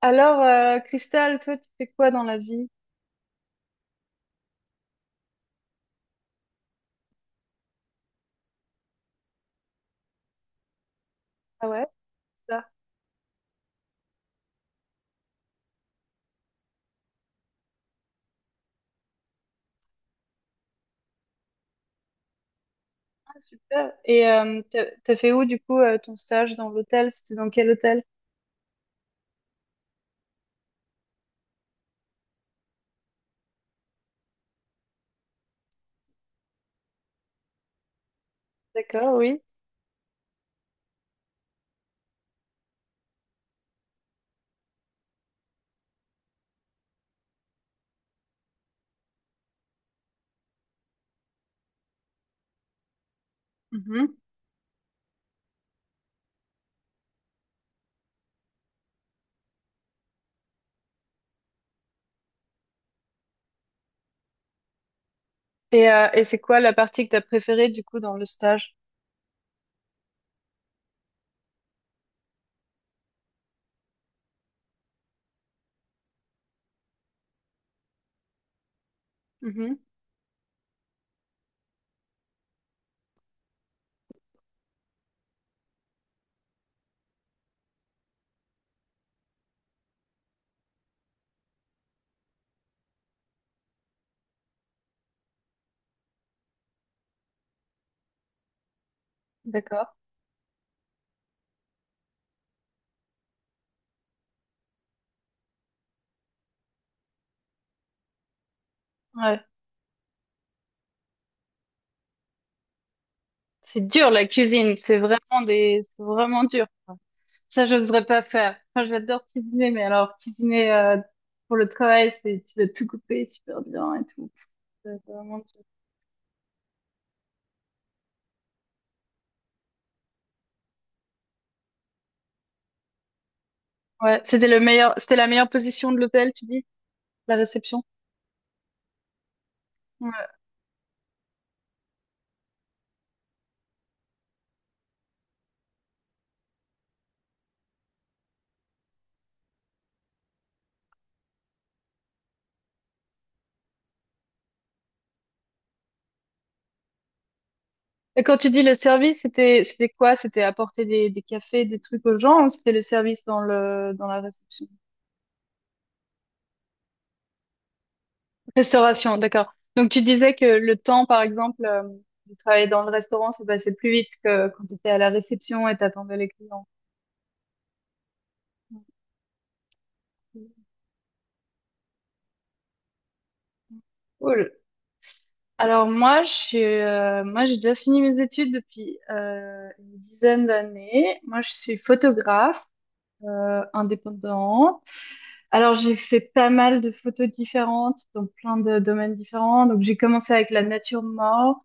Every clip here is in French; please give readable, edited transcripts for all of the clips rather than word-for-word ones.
Alors, Christelle, toi, tu fais quoi dans la vie? Ah ouais, ça. Ah, super. Et t'as fait où, du coup, ton stage dans l'hôtel? C'était dans quel hôtel? D'accord, oui. Mhm. Et c'est quoi la partie que t'as préférée, du coup, dans le stage? Mhm. D'accord. Ouais. C'est dur, la cuisine. C'est vraiment dur, quoi. Ça, je devrais pas faire. Enfin, j'adore cuisiner, mais alors, cuisiner, pour le travail, c'est, tu dois tout couper super bien et tout. C'est vraiment dur. Ouais. C'était le meilleur, c'était la meilleure position de l'hôtel, tu dis? La réception. Ouais. Et quand tu dis le service, c'était quoi? C'était apporter des cafés, des trucs aux gens, ou c'était le service dans la réception? Restauration, d'accord. Donc tu disais que le temps, par exemple, de travailler dans le restaurant, ça passait plus vite que quand tu étais à la réception et t'attendais les clients. Cool. Alors moi, j'ai déjà fini mes études depuis une dizaine d'années. Moi, je suis photographe indépendante. Alors, j'ai fait pas mal de photos différentes, donc plein de domaines différents. Donc, j'ai commencé avec la nature morte.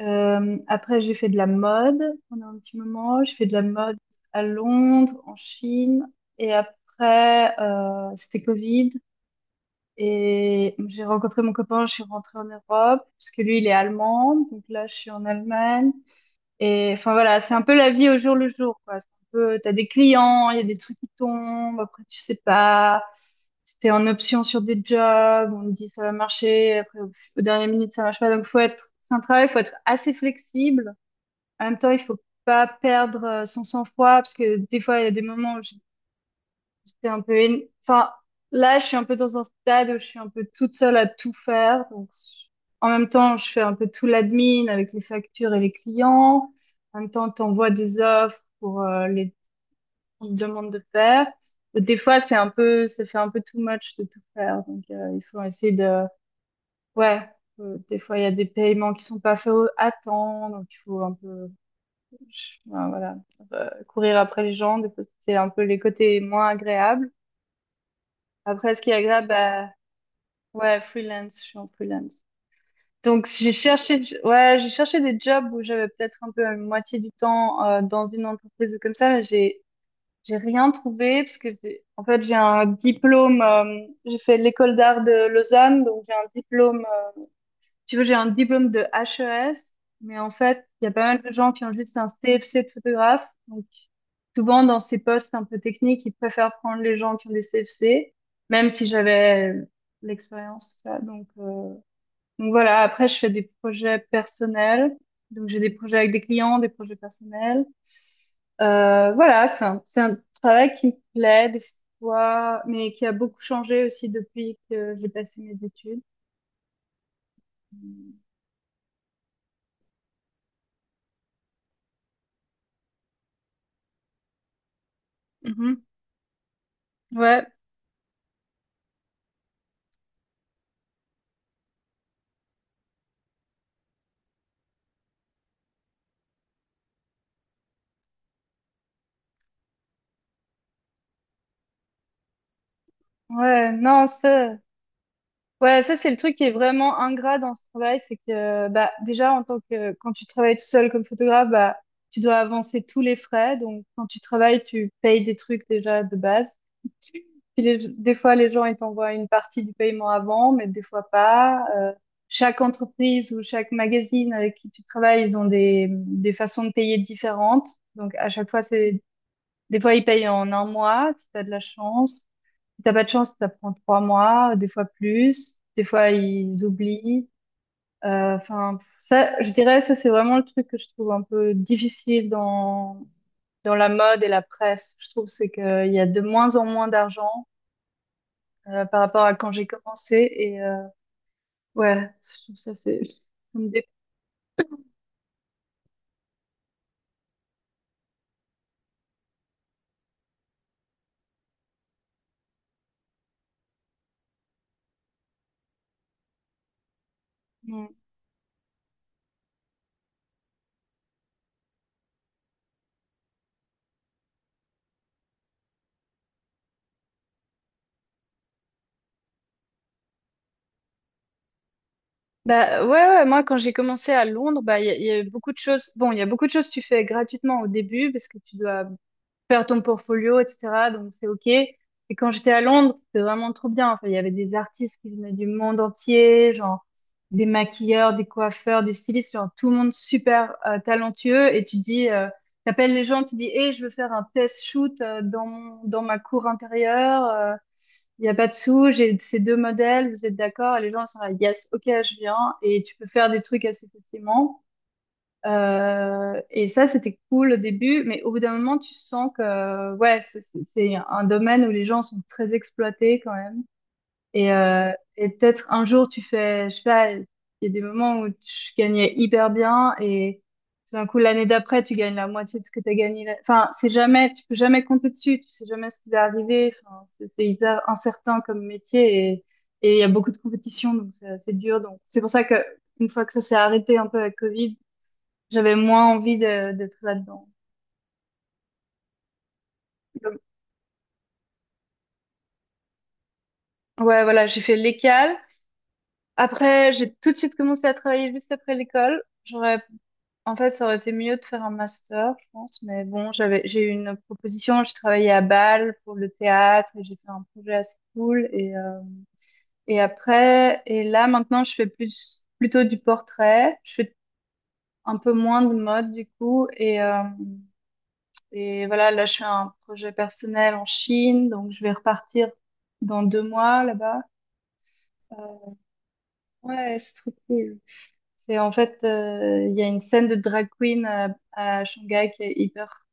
Après, j'ai fait de la mode pendant un petit moment. J'ai fait de la mode à Londres, en Chine. Et après, c'était Covid. Et j'ai rencontré mon copain, je suis rentrée en Europe, parce que lui, il est allemand. Donc là, je suis en Allemagne. Et enfin voilà, c'est un peu la vie au jour le jour, quoi. C'est un peu, t'as des clients, il y a des trucs qui tombent, après tu sais pas. C'était en option sur des jobs, on te dit ça va marcher, après au dernier minute ça marche pas. Donc faut être, c'est un travail, faut être assez flexible. En même temps, il faut pas perdre son sang-froid parce que des fois il y a des moments où J'étais un peu. Enfin, là, je suis un peu dans un stade où je suis un peu toute seule à tout faire. Donc, en même temps, je fais un peu tout l'admin avec les factures et les clients. En même temps, t'envoies des offres pour les qu'on te demande de faire. Et des fois, c'est un peu, ça fait un peu too much de tout faire. Donc, il faut essayer de... Ouais, des fois, il y a des paiements qui sont pas faits à temps. Donc, il faut un peu, ouais, voilà, courir après les gens. Des fois, c'est un peu les côtés moins agréables. Après, ce qui est agréable, bah, ouais, freelance, je suis en freelance. Donc, j'ai cherché, ouais, j'ai cherché des jobs où j'avais peut-être un peu la moitié du temps dans une entreprise ou comme ça, mais j'ai rien trouvé parce que en fait j'ai un diplôme, j'ai fait l'école d'art de Lausanne, donc j'ai un diplôme tu vois, j'ai un diplôme de HES, mais en fait, il y a pas mal de gens qui ont juste un CFC de photographe. Donc, souvent, dans ces postes un peu techniques, ils préfèrent prendre les gens qui ont des CFC, même si j'avais l'expérience, tout ça. Donc, donc voilà. Après, je fais des projets personnels. Donc, j'ai des projets avec des clients, des projets personnels. Voilà, c'est un travail qui me plaît des fois, mais qui a beaucoup changé aussi depuis que j'ai passé mes études. Mhm. Ouais, ouais, non, ça, ouais, ça c'est le truc qui est vraiment ingrat dans ce travail, c'est que bah déjà en tant que quand tu travailles tout seul comme photographe, bah tu dois avancer tous les frais, donc quand tu travailles, tu payes des trucs déjà de base. Puis des fois les gens ils t'envoient une partie du paiement avant, mais des fois pas. Chaque entreprise ou chaque magazine avec qui tu travailles, ils ont des façons de payer différentes, donc à chaque fois c'est des fois ils payent en un mois si t'as de la chance. Si t'as pas de chance, ça prend 3 mois, des fois plus, des fois ils oublient. Enfin, ça, je dirais, ça c'est vraiment le truc que je trouve un peu difficile dans la mode et la presse. Je trouve c'est que il y a de moins en moins d'argent par rapport à quand j'ai commencé et ouais, je trouve ça c'est ça me dé- Mm. Bah ouais, ouais, moi quand j'ai commencé à Londres, bah il y a eu beaucoup de choses. Bon, il y a beaucoup de choses que tu fais gratuitement au début parce que tu dois faire ton portfolio, etc. Donc c'est OK. Et quand j'étais à Londres, c'était vraiment trop bien. Enfin, il y avait des artistes qui venaient du monde entier, genre des maquilleurs, des coiffeurs, des stylistes, genre tout le monde super talentueux. Et t'appelles les gens, tu dis, hey, je veux faire un test shoot dans ma cour intérieure. Il y a pas de sous, j'ai ces deux modèles, vous êtes d'accord? Et les gens sont là, yes, ok, je viens. Et tu peux faire des trucs assez facilement. Et ça, c'était cool au début, mais au bout d'un moment, tu sens que ouais, c'est un domaine où les gens sont très exploités quand même. Et peut-être un jour, tu fais, je sais pas, il y a des moments où tu gagnais hyper bien et tout d'un coup, l'année d'après, tu gagnes la moitié de ce que tu as gagné. Enfin, c'est jamais, tu peux jamais compter dessus, tu sais jamais ce qui va arriver. Enfin, c'est hyper incertain comme métier et il y a beaucoup de compétition, donc c'est dur. Donc c'est pour ça que une fois que ça s'est arrêté un peu avec Covid j'avais moins envie d'être là-dedans. Donc, ouais, voilà, j'ai fait l'école. Après, j'ai tout de suite commencé à travailler juste après l'école. En fait, ça aurait été mieux de faire un master, je pense. Mais bon, j'ai eu une proposition. Je travaillais à Bâle pour le théâtre et j'ai fait un projet assez cool. Et là, maintenant, je fais plutôt du portrait. Je fais un peu moins de mode, du coup. Et voilà, là, je fais un projet personnel en Chine, donc je vais repartir dans 2 mois là-bas. Euh, ouais, c'est trop cool. C'est en fait, il y a une scène de drag queen à Shanghai qui est hyper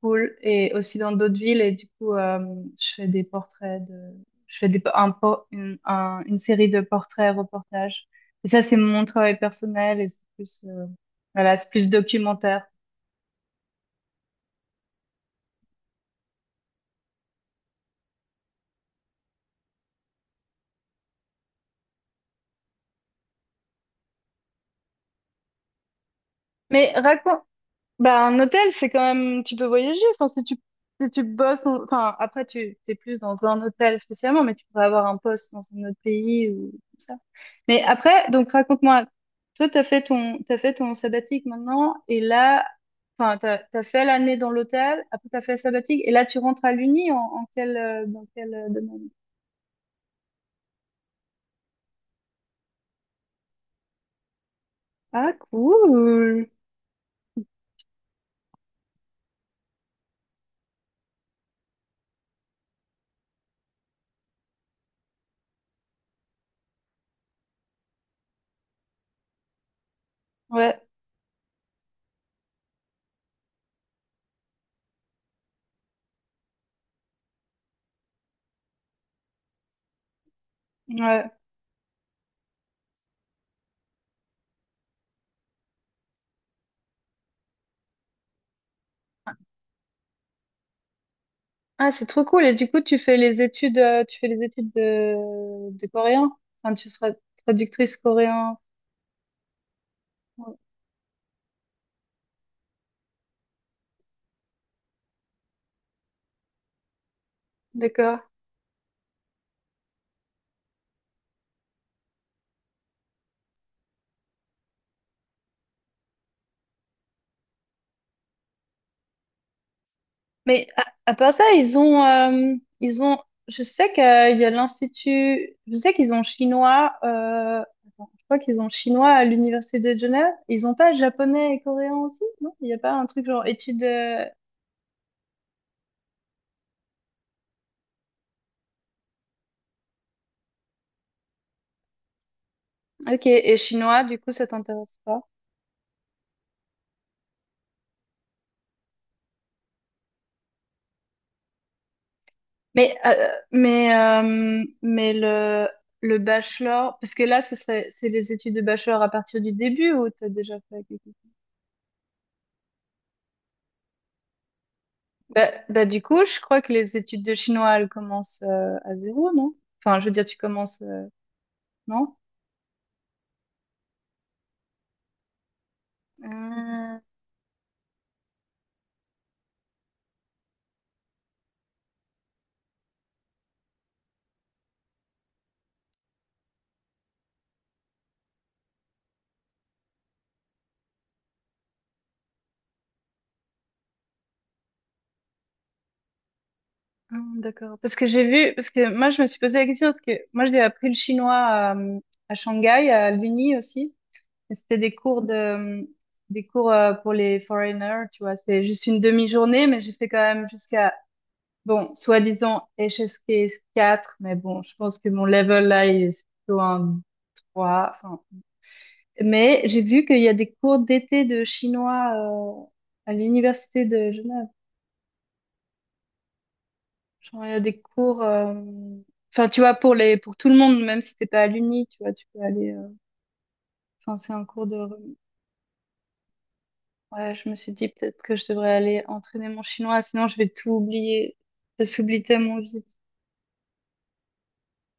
cool et aussi dans d'autres villes. Et du coup, je fais des portraits de, je fais des, un, por- une, une série de portraits, reportages. Et ça, c'est mon travail personnel et c'est plus, voilà, c'est plus documentaire. Mais raconte. Bah, un hôtel, c'est quand même, tu peux voyager. Enfin, si tu bosses, enfin, après, t'es plus dans un hôtel spécialement, mais tu pourrais avoir un poste dans un autre pays ou comme ça. Mais après, donc, raconte-moi, toi, t'as fait ton sabbatique maintenant, et là, enfin, t'as fait l'année dans l'hôtel, après, t'as fait le sabbatique, et là, tu rentres à l'Uni en, dans quel domaine? Ah, cool! Ouais, ouais. Ah, c'est trop cool. Et du coup, tu fais les études, de coréen. Enfin, tu seras traductrice coréen. Ouais, d'accord. Mais à part ça, ils ont, je sais qu'il y a l'institut, je sais qu'ils ont chinois, je crois qu'ils ont chinois à l'université de Genève. Ils ont pas japonais et coréen aussi, non? Il n'y a pas un truc genre études. OK, et chinois, du coup, ça t'intéresse pas? Mais le bachelor, parce que là, ce serait, c'est les études de bachelor à partir du début ou t'as déjà fait quelque chose? Bah, du coup, je crois que les études de chinois, elles commencent à zéro, non? Enfin, je veux dire, tu commences, non? Euh, d'accord. Parce que j'ai vu, parce que moi, je me suis posé la question, parce que moi, j'ai appris le chinois à Shanghai, à l'Uni aussi. Et c'était des cours pour les foreigners, tu vois. C'était juste une demi-journée, mais j'ai fait quand même jusqu'à. Bon, soi-disant HSKS 4, mais bon, je pense que mon level là, il est plutôt un 3. Enfin, mais j'ai vu qu'il y a des cours d'été de chinois à l'université de Genève. Genre, il y a des cours, enfin, tu vois, pour tout le monde, même si t'es pas à l'uni, tu vois, tu peux aller. Enfin, c'est un cours de. Ouais, je me suis dit peut-être que je devrais aller entraîner mon chinois, sinon je vais tout oublier. Ça s'oublie tellement vite.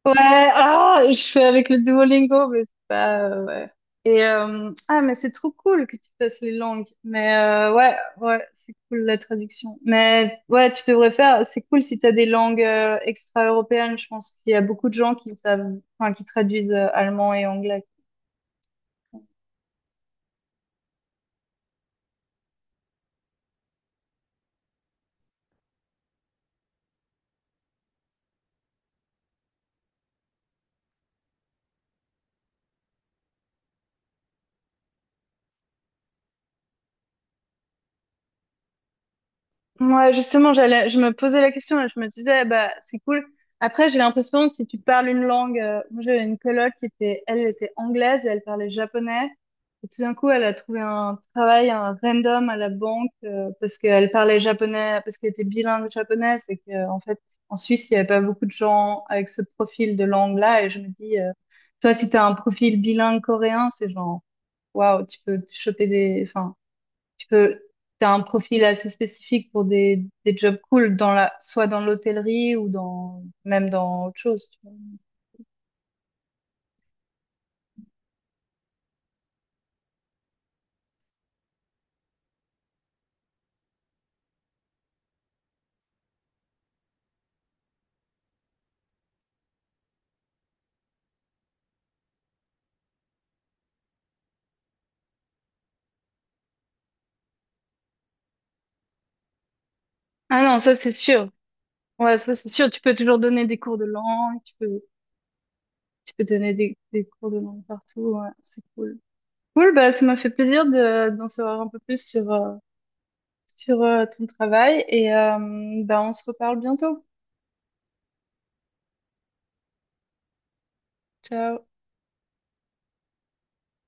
Ouais, ah, je fais avec le Duolingo, mais c'est pas, ouais. Et, ah, mais c'est trop cool que tu fasses les langues. Mais, ouais, ouais, c'est cool la traduction. Mais, ouais, tu devrais faire, c'est cool si t'as des langues, extra-européennes. Je pense qu'il y a beaucoup de gens qui savent, enfin, qui traduisent allemand et anglais. Moi, justement, je me posais la question et je me disais, bah, c'est cool. Après, j'ai l'impression, si tu parles une langue, moi, j'avais une coloc elle était anglaise et elle parlait japonais. Et tout d'un coup, elle a trouvé un travail, un random à la banque, parce qu'elle parlait japonais, parce qu'elle était bilingue japonaise et que, en fait, en Suisse, il n'y avait pas beaucoup de gens avec ce profil de langue-là. Et je me dis, toi, si tu as un profil bilingue coréen, c'est genre, waouh, tu peux te choper des, enfin, tu peux, t'as un profil assez spécifique pour des jobs cool dans soit dans l'hôtellerie ou dans, même dans autre chose, tu vois. Ah non, ça c'est sûr. Ouais, ça c'est sûr. Tu peux toujours donner des cours de langue, tu peux donner des cours de langue partout. Ouais, c'est cool. Cool, bah ça m'a fait plaisir d'en savoir un peu plus sur ton travail et bah on se reparle bientôt. Ciao.